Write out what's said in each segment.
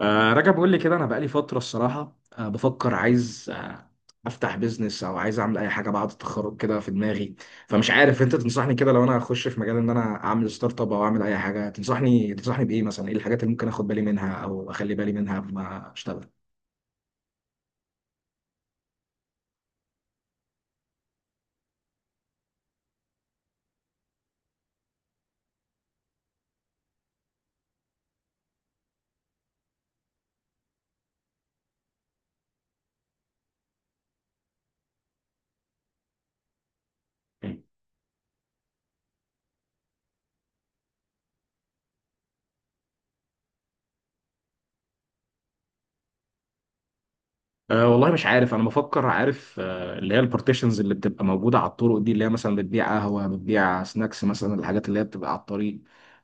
رجب بيقول لي كده، انا بقالي فتره الصراحه بفكر، عايز افتح بيزنس او عايز اعمل اي حاجه بعد التخرج كده في دماغي. فمش عارف، انت تنصحني كده لو انا اخش في مجال ان انا اعمل ستارت اب او اعمل اي حاجه؟ تنصحني بايه مثلا؟ ايه الحاجات اللي ممكن اخد بالي منها او اخلي بالي منها قبل ما اشتغل؟ والله مش عارف، انا بفكر، عارف اللي هي البارتيشنز اللي بتبقى موجوده على الطرق دي، اللي هي مثلا بتبيع قهوه، بتبيع سناكس، مثلا الحاجات اللي هي بتبقى على الطريق.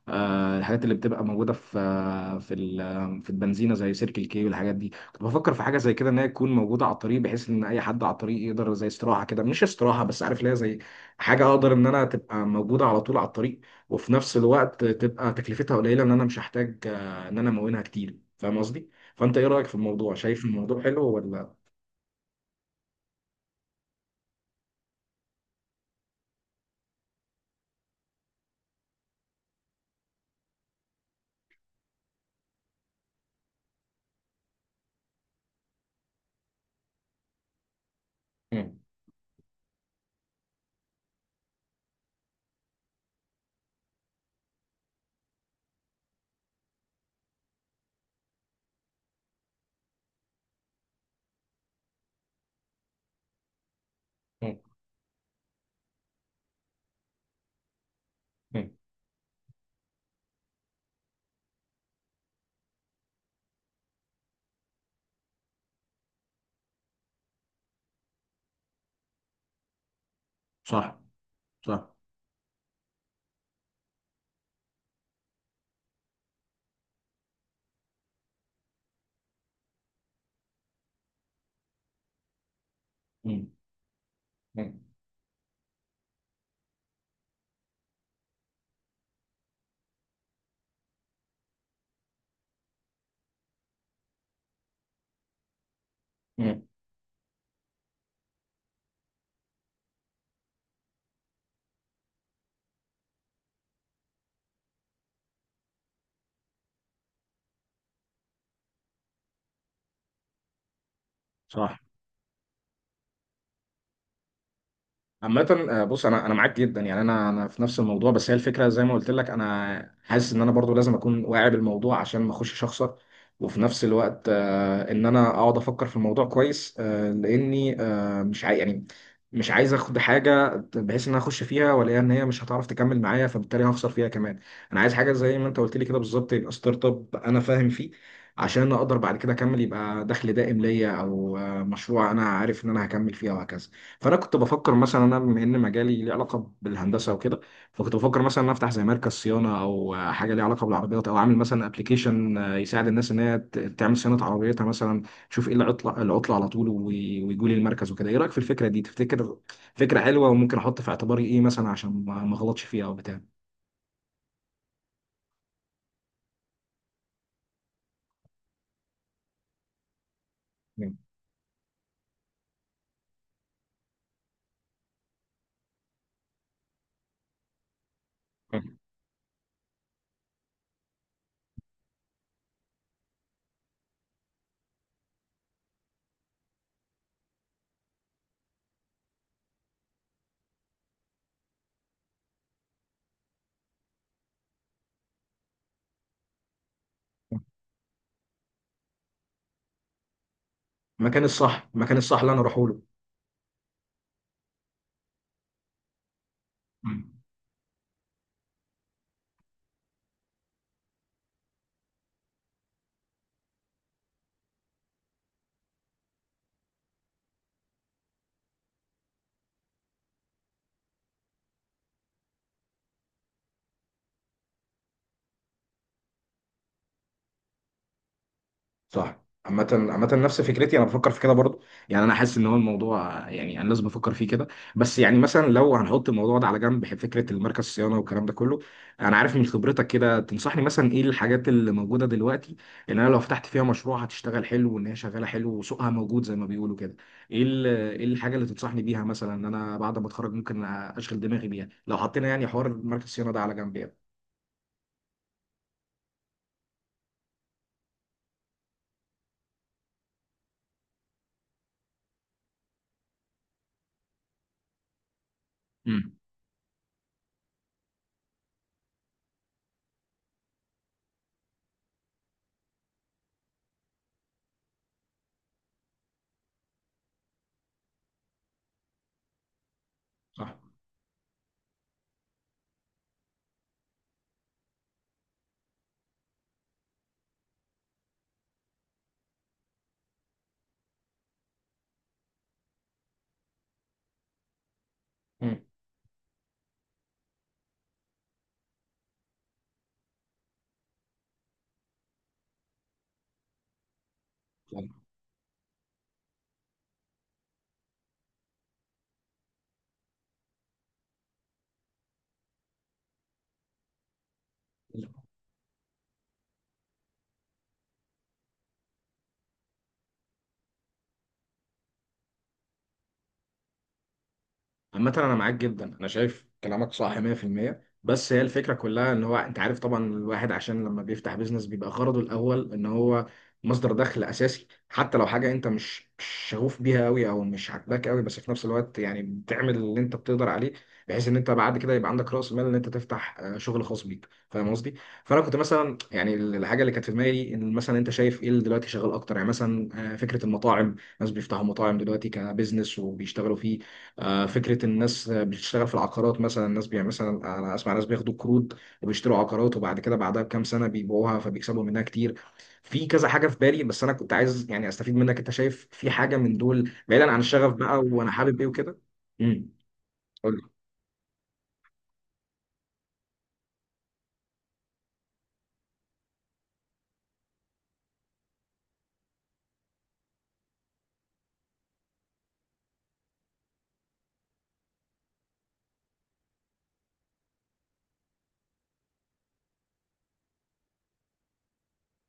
الحاجات اللي بتبقى موجوده في آه، في ال- آه، في البنزينه زي سيركل كي والحاجات دي، كنت بفكر في حاجه زي كده ان هي تكون موجوده على الطريق، بحيث ان اي حد على الطريق يقدر، زي استراحه كده، مش استراحه بس، عارف ليها زي حاجه، اقدر ان انا تبقى موجوده على طول على الطريق، وفي نفس الوقت تبقى تكلفتها قليله، ان انا مش هحتاج ان انا امونها كتير، فاهم قصدي؟ فانت ايه رايك في الموضوع؟ شايف الموضوع حلو ولا؟ مم. مم. مم. صح. صح. مم. مم. مم. صح. عامة بص، انا معاك جدا، يعني انا في نفس الموضوع، بس هي الفكره زي ما قلت لك، انا حاسس ان انا برضو لازم اكون واعي بالموضوع عشان ما اخشش اخسر. وفي نفس الوقت ان انا اقعد افكر في الموضوع كويس، لاني مش عاي يعني مش عايز اخد حاجه بحيث ان انا اخش فيها والاقيها ان هي مش هتعرف تكمل معايا، فبالتالي هخسر فيها كمان. انا عايز حاجه زي ما انت قلت لي كده بالظبط، يبقى ستارت اب انا فاهم فيه عشان اقدر بعد كده اكمل، يبقى دخل دائم ليا او مشروع انا عارف ان انا هكمل فيه وهكذا. فانا كنت بفكر مثلا، انا بما ان مجالي ليه علاقه بالهندسه وكده، فكنت بفكر مثلا ان أنا افتح زي مركز صيانه، او حاجه ليها علاقه بالعربيات، او اعمل مثلا ابلكيشن يساعد الناس ان هي تعمل صيانه عربيتها مثلا، تشوف ايه العطله على طول، ويجوا لي المركز وكده. ايه رايك في الفكره دي؟ تفتكر فكره حلوه؟ وممكن احط في اعتباري ايه مثلا عشان ما اغلطش فيها او بتاع؟ مم. مم. المكان الصح، المكان الصح اللي انا اروحه له. صح. عامة نفس فكرتي، انا بفكر في كده برضو، يعني انا حاسس ان هو الموضوع، يعني انا لازم افكر فيه كده. بس يعني مثلا لو هنحط الموضوع ده على جنب، بحب فكرة المركز الصيانة والكلام ده كله. انا عارف من خبرتك كده، تنصحني مثلا ايه الحاجات اللي موجودة دلوقتي ان انا لو فتحت فيها مشروع هتشتغل حلو، وان هي شغالة حلو وسوقها موجود زي ما بيقولوا كده؟ ايه الحاجة اللي تنصحني بيها مثلا ان انا بعد ما اتخرج ممكن اشغل دماغي بيها، لو حطينا يعني حوار مركز الصيانة ده على جنب يعني؟ امم. صح. امم. عامة أنا معاك جدا، أنا شايف كلامك صح 100%. بس هي الفكرة كلها إن هو، أنت عارف طبعا، الواحد عشان لما بيفتح بيزنس بيبقى غرضه الأول إن هو مصدر دخل أساسي، حتى لو حاجة أنت مش شغوف بيها أوي أو مش عاجباك أوي، بس في نفس الوقت يعني بتعمل اللي أنت بتقدر عليه، بحيث إن أنت بعد كده يبقى عندك رأس مال إن أنت تفتح شغل خاص بيك، فاهم قصدي؟ فأنا كنت مثلا يعني الحاجة اللي كانت في دماغي، إن مثلا أنت شايف إيه اللي دلوقتي شغال أكتر. يعني مثلا فكرة المطاعم، ناس بيفتحوا مطاعم دلوقتي كبزنس وبيشتغلوا فيه. فكرة الناس بتشتغل في العقارات مثلا، الناس بي مثلا أنا أسمع ناس بياخدوا قروض وبيشتروا عقارات، وبعد كده بعدها بكام سنة بيبيعوها فبيكسبوا منها كتير. في كذا حاجة في بالي، بس أنا كنت عايز يعني أستفيد منك. أنت شايف في حاجة من دول بعيدا عن الشغف بقى وأنا حابب إيه وكده؟ امم. قول لي.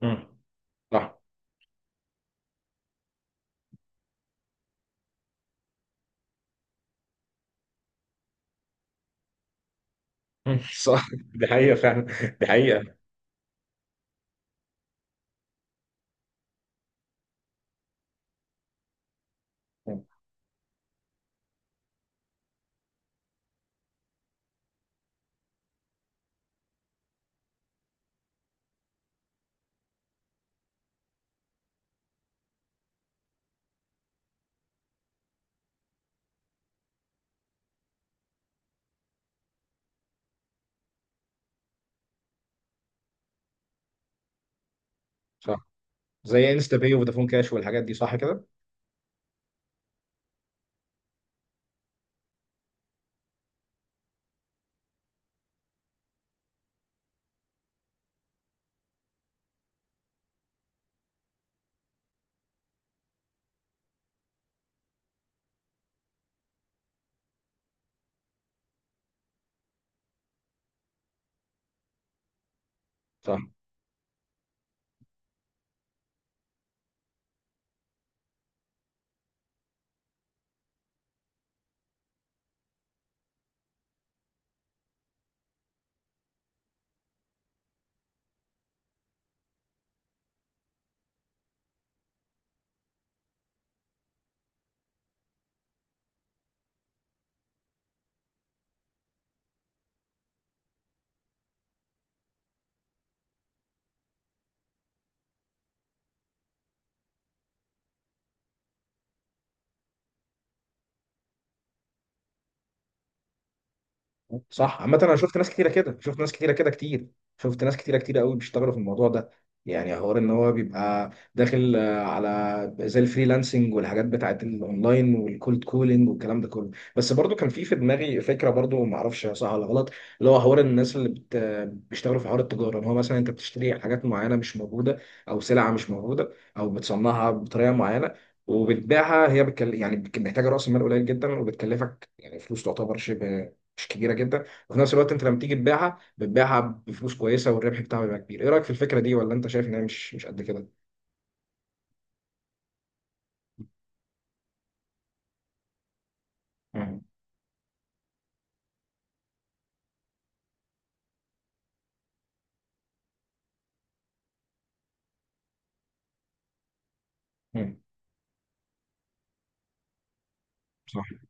امم. صح. مم. صح. دي حقيقة فعلا، دي حقيقة. مم. صح. زي انستا باي وفودافون كاش والحاجات دي، صح كده؟ صح. صح. عامة انا شفت ناس كتيرة كده، شفت ناس كتيرة كده كتير، شفت ناس كتيرة كتيرة قوي بيشتغلوا في الموضوع ده. يعني حوار ان هو بيبقى داخل على زي الفريلانسنج والحاجات بتاعت الاونلاين والكولد كولينج والكلام ده كله. بس برضو كان في دماغي فكرة، برضو ما اعرفش صح ولا غلط، اللي هو حوار الناس اللي بيشتغلوا في حوار التجارة، ان هو مثلا انت بتشتري حاجات معينة مش موجودة، او سلعة مش موجودة، او بتصنعها بطريقة معينة وبتبيعها. هي يعني محتاجة رأس مال قليل جدا، وبتكلفك يعني فلوس تعتبر شبه مش كبيره جدا، وفي نفس الوقت انت لما تيجي تبيعها بتبيعها بفلوس كويسه، والربح بتاعها بيبقى كبير. ايه رايك في الفكره دي؟ ولا انت شايف ان هي مش قد كده؟ مم. مم. صح.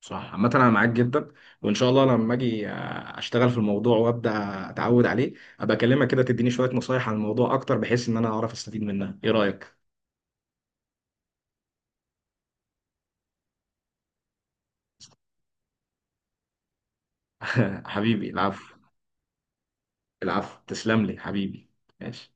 صح. عامة أنا معاك جدا، وإن شاء الله لما أجي أشتغل في الموضوع وأبدأ أتعود عليه، أبقى أكلمك كده تديني شوية نصايح عن الموضوع أكتر، بحيث إن أنا أعرف أستفيد منها. إيه رأيك؟ حبيبي، العفو. العفو، تسلم لي حبيبي. ماشي.